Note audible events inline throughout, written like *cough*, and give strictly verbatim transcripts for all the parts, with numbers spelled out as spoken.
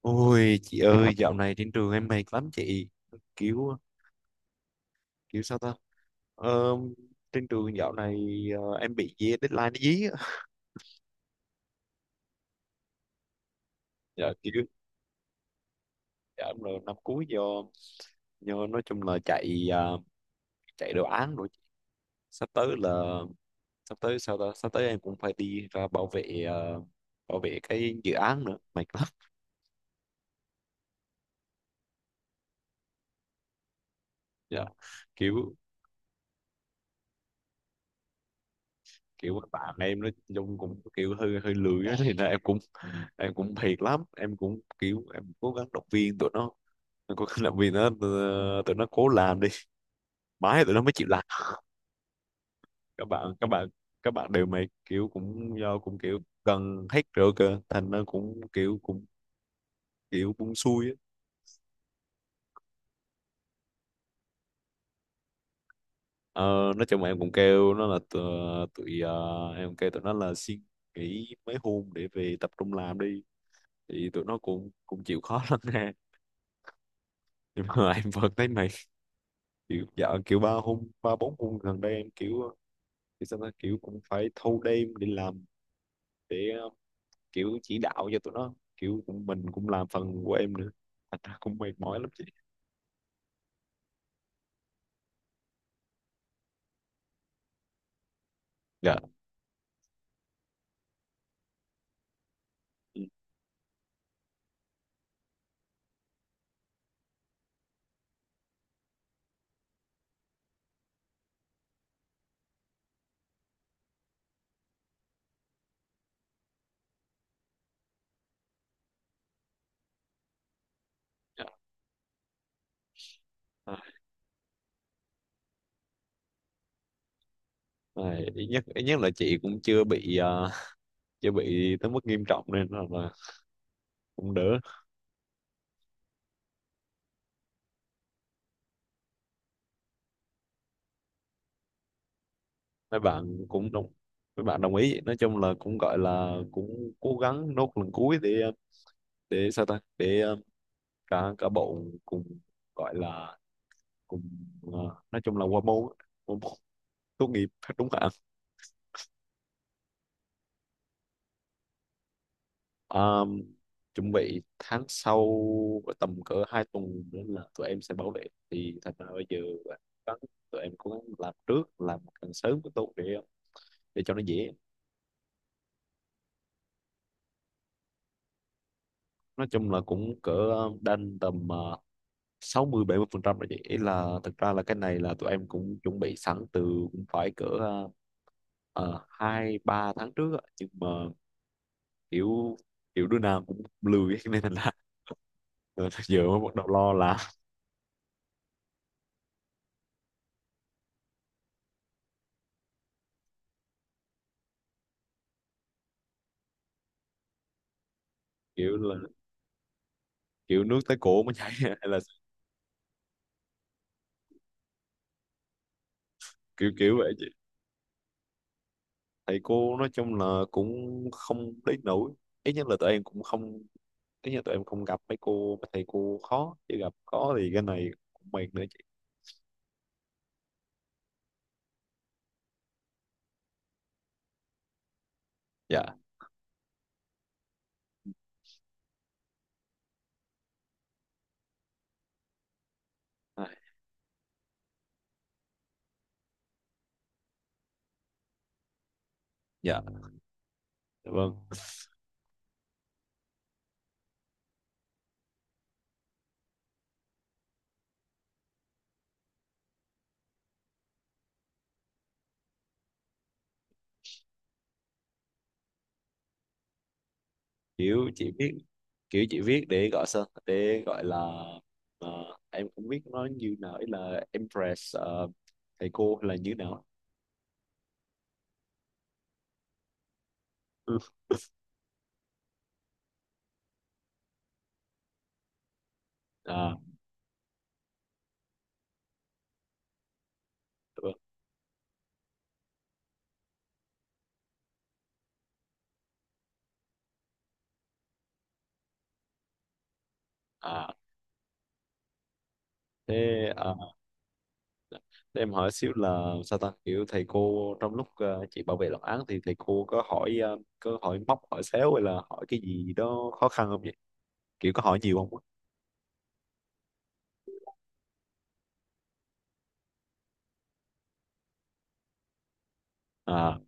Ôi chị ơi, dạo này trên trường em mệt lắm chị. Kiểu kiểu sao ta, ờ, trên trường dạo này, ờ, em bị dí- deadline nó dí á. Dạ, kiểu dạ, em là năm cuối do do nói chung là chạy, à, chạy đồ án rồi. Sắp tới là sắp tới sao ta sắp tới em cũng phải đi ra bảo vệ, ờ, bảo vệ cái dự án nữa mệt lắm. Dạ. kiểu kiểu bạn em nói chung cũng kiểu hơi hơi lười á, *laughs* thì là em cũng em cũng thiệt lắm. Em cũng kiểu em cố gắng động viên tụi nó, em cố gắng động viên nó, ờ, tụi nó cố làm đi mãi tụi nó mới chịu làm. Các bạn các bạn các bạn đều mày kiểu cũng do cũng kiểu cần hết rồi cơ, thành nó cũng kiểu cũng kiểu cũng xui á. ờ, nói chung là em cũng kêu nó là tụi, tụi ờ, em kêu tụi nó là xin nghỉ mấy hôm để về tập trung làm đi, thì tụi nó cũng cũng chịu khó lắm nè. Nhưng mà *laughs* em vẫn thấy mày kiểu dạo kiểu ba hôm ba bốn hôm gần đây em kiểu, thì xong nó kiểu cũng phải thâu đêm để làm, để ờ, kiểu chỉ đạo cho tụi nó, kiểu cũng mình cũng làm phần của em nữa, thành ra cũng mệt mỏi lắm chị. Dạ. Ừ. Dạ. À, này, ít nhất ít nhất là chị cũng chưa bị ờ, chưa bị tới mức nghiêm trọng, nên là, là cũng đỡ. mấy bạn cũng đồng Mấy bạn đồng ý, nói chung là cũng gọi là cũng cố gắng nốt lần cuối để, ờ, để sao ta để ờ, cả cả bộ cùng gọi là cùng, ờ, nói chung là qua môn á, qua môn tốt nghiệp *laughs* đúng không ạ? Ờm, Chuẩn bị tháng sau, tầm cỡ hai tuần nữa là tụi em sẽ bảo vệ. Thì thành ra bây giờ là có- tụi em cũng làm trước, làm càng sớm càng tốt để để cho nó dễ. Nói chung là cũng cỡ đanh tầm ờ, sáu mươi bảy mươi phần trăm rồi, vậy ý là thực ra là cái này là tụi em cũng chuẩn bị sẵn từ, cũng phải cỡ ờ, ờ, hai ba tháng trước á. Nhưng mà kiểu, kiểu đứa nào cũng lười *laughs* nên thành ra *laughs* giờ mới bắt đầu lo, là kiểu là kiểu nước tới cổ mới chảy *laughs* hay là kiểu kiểu vậy chị. Thầy cô nói chung là cũng không đến nổi, ít nhất là tụi em cũng không, ít nhất tụi em không gặp mấy cô mấy thầy cô khó, chỉ gặp có thì cái này cũng mệt nữa chị. Dạ. Ai, dạ vâng. Kiểu chị viết, kiểu chị viết để gọi sao để gọi là, ờ, em cũng biết nó như nào, ý là impress, ờ, thầy cô hay là như nào. Ừ. À, vâng. À, thế à? Để em hỏi xíu là sao ta, kiểu thầy cô trong lúc, ờ, chị bảo vệ luận án thì thầy cô có hỏi, ờ, có hỏi móc hỏi xéo hay là hỏi cái gì đó khó khăn không vậy, kiểu có hỏi nhiều không á? À.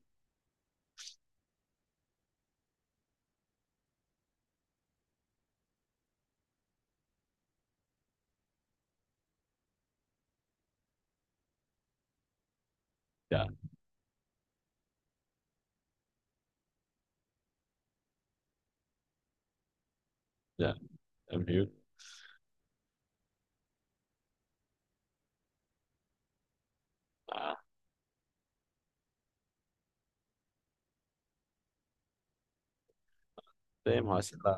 Dạ. Dạ em hiểu. À, thế em hỏi xíu là,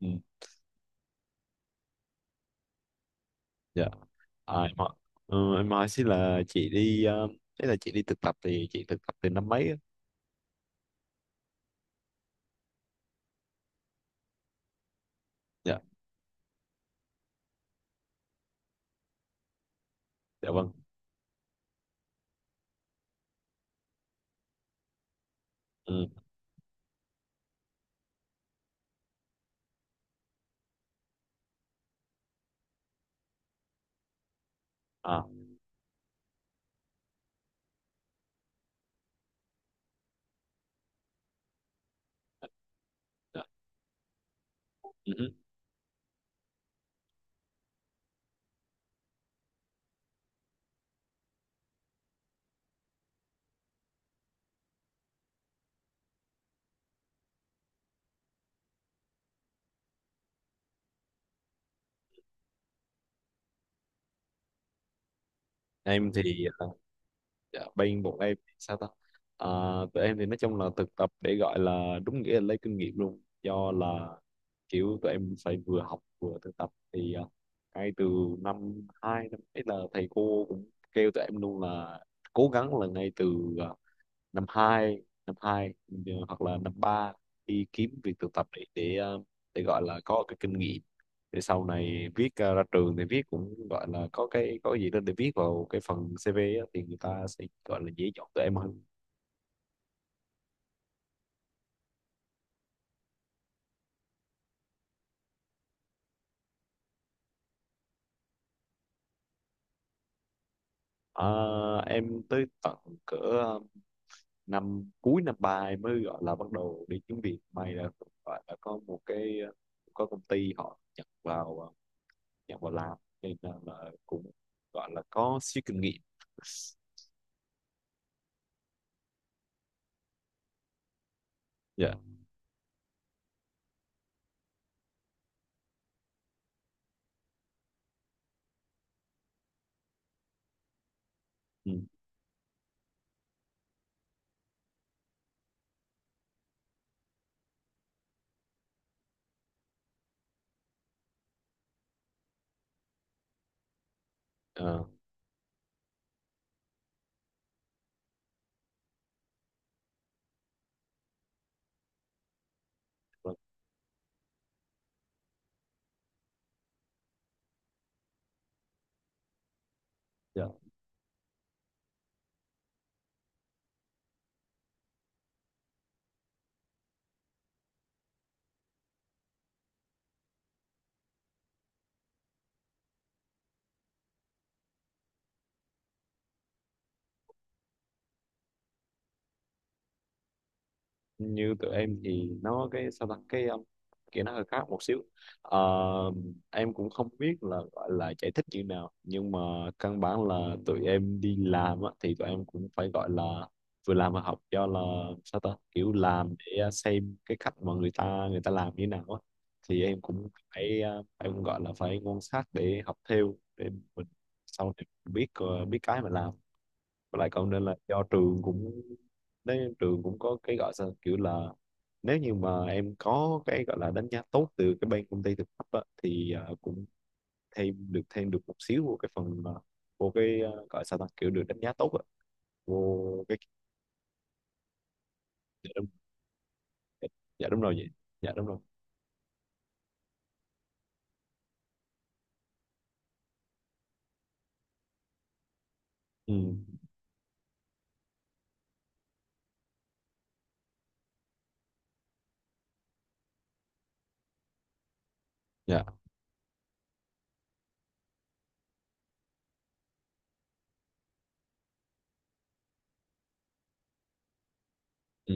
ừ, dạ. À, em hỏi, ừ, em hỏi xíu là chị đi, ờ, thế là chị đi thực tập thì chị thực tập từ năm mấy á? Dạ. Dạ vâng. Ừ. À. Dạ. Dạ. Ừ. Em thì, ờ, dạ, bên bọn em thì sao ta? À, tụi em thì nói chung là thực tập để gọi là đúng nghĩa là lấy kinh nghiệm luôn, do là kiểu tụi em phải vừa học vừa thực tập thì, à, ngay từ năm hai năm ấy là thầy cô cũng kêu tụi em luôn là cố gắng là ngay từ, à, năm hai năm hai ừ, hoặc là năm ba đi kiếm việc thực tập để để ờ, để gọi là có cái kinh nghiệm, để sau này viết, ờ, ra trường thì viết cũng gọi là có cái có gì đó để viết vào cái phần xi vi á, thì người ta sẽ gọi là dễ chọn tụi em hơn. Ờ, em tới tận cỡ ờ, năm cuối năm ba em mới gọi là bắt đầu đi kiếm việc, may là gọi là có một cái, ờ, có công ty họ nhận vào, ờ, nhận vào làm nên là, là cũng gọi là có xíu kinh nghiệm. Dạ. Ừ. Ờ. Vâng. Dạ. Như tụi em thì nó cái sao ta cái um, kiểu nó hơi khác một xíu. Ờ, em cũng không biết là gọi là giải thích như nào, nhưng mà căn bản là tụi em đi làm á, thì tụi em cũng phải gọi là vừa làm vừa học, do là sao ta kiểu làm để, à, xem cái cách mà người ta người ta làm như nào á. Thì em cũng phải uh, em cũng gọi là phải quan sát để học theo, để mình sau này biết, uh, biết cái mà làm. Và lại cộng nên là do trường cũng, đấy, trường cũng có cái gọi sao kiểu là, nếu như mà em có cái gọi là đánh giá tốt từ cái bên công ty thực tập á, thì ờ, cũng thêm được, thêm được một xíu của cái phần, ờ, của cái ờ, gọi sao ta kiểu được đánh giá tốt á, vô cái. Dạ đúng. Dạ. Dạ đúng rồi vậy. Dạ đúng rồi. Ừ. Dạ. Ừ.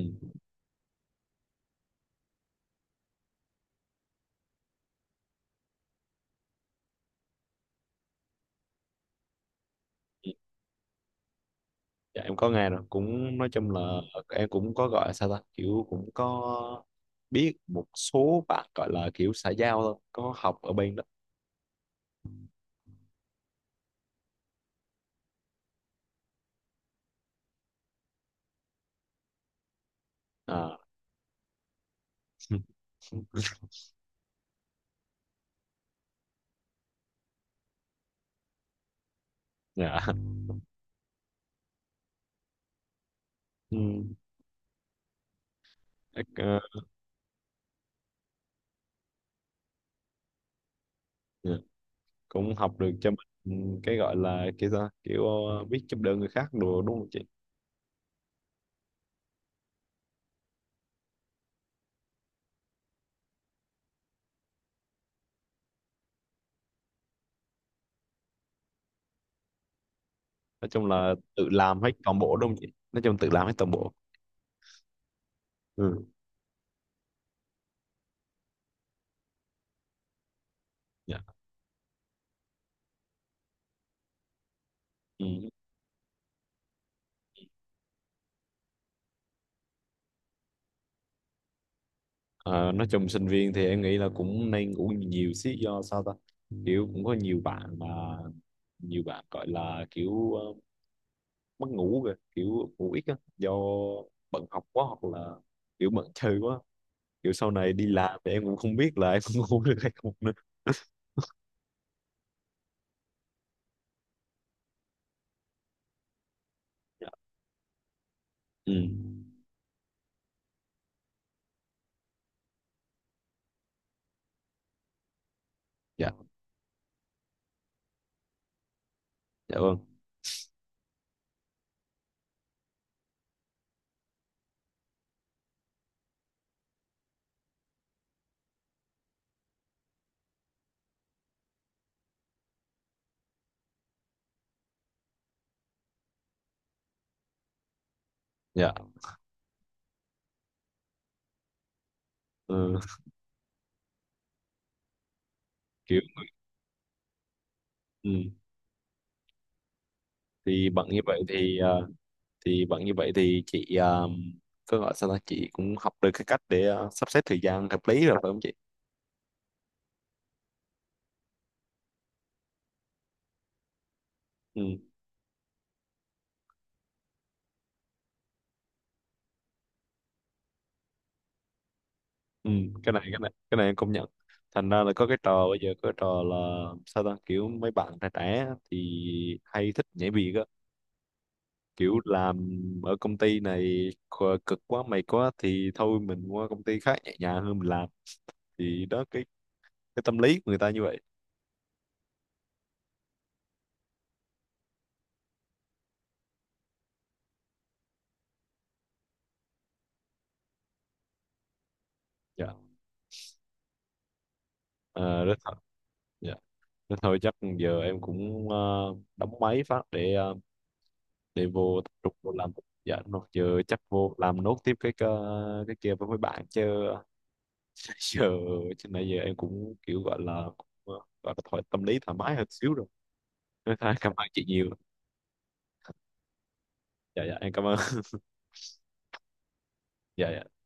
Dạ em có nghe rồi, cũng nói chung là em cũng có gọi là sao ta kiểu cũng có biết một số bạn gọi là kiểu xã giao thôi có học ở bên đó. À. Ừ. Dạ. Ừ. Ác- ờ, dạ. Cũng học được cho mình. Ừ, cái gọi là cái sao kiểu, ờ, biết giúp đỡ người khác đồ đúng không chị? Nói chung là tự làm hết toàn bộ đúng không chị? Nói chung tự làm hết toàn bộ. Ừ. Dạ. Ừ. Ờ, nói chung sinh viên thì em nghĩ là cũng nên ngủ nhiều xí, do sao ta kiểu cũng có nhiều bạn mà, nhiều bạn gọi là kiểu, ờ, mất ngủ kìa, kiểu ngủ ít á do bận học quá, hoặc là kiểu bận chơi quá. Kiểu sau này đi làm thì em cũng không biết là em *laughs* cũng ngủ được hay không. Dạ. Ừ. Dạ. Dạ vâng. Dạ. Ừ, kiểu. Ừ. thì bận như vậy thì ờ, thì bận như vậy thì chị, ờ, có gọi sao ta, chị cũng học được cái cách để, ờ, sắp xếp thời gian hợp lý rồi phải không chị? Ừ. Ừ. cái này cái này cái này em công nhận. Thành ra là có cái trò bây giờ, có cái trò là sao ta kiểu mấy bạn trẻ trẻ thì hay thích nhảy việc á, kiểu làm ở công ty này khờ- cực quá mệt quá thì thôi mình qua công ty khác nhẹ nhàng hơn mình làm. Thì đó cái cái tâm lý của người ta như vậy. Dạ. Ờ, rất thật. Dạ. Thế thôi chắc giờ em cũng, ờ, đóng máy phát để, ờ, để vô tập trung vô làm. Dạ đúng rồi. Giờ chắc vô làm nốt tiếp cái cái, cái kia với mấy bạn chứ. *laughs* Giờ, chứ nãy giờ em cũng kiểu gọi là cũng, ờ, gọi là thoải tâm lý thoải mái hơn xíu rồi. Thế thôi, cảm ơn chị nhiều. Dạ dạ em cảm ơn. *laughs* Dạ dạ.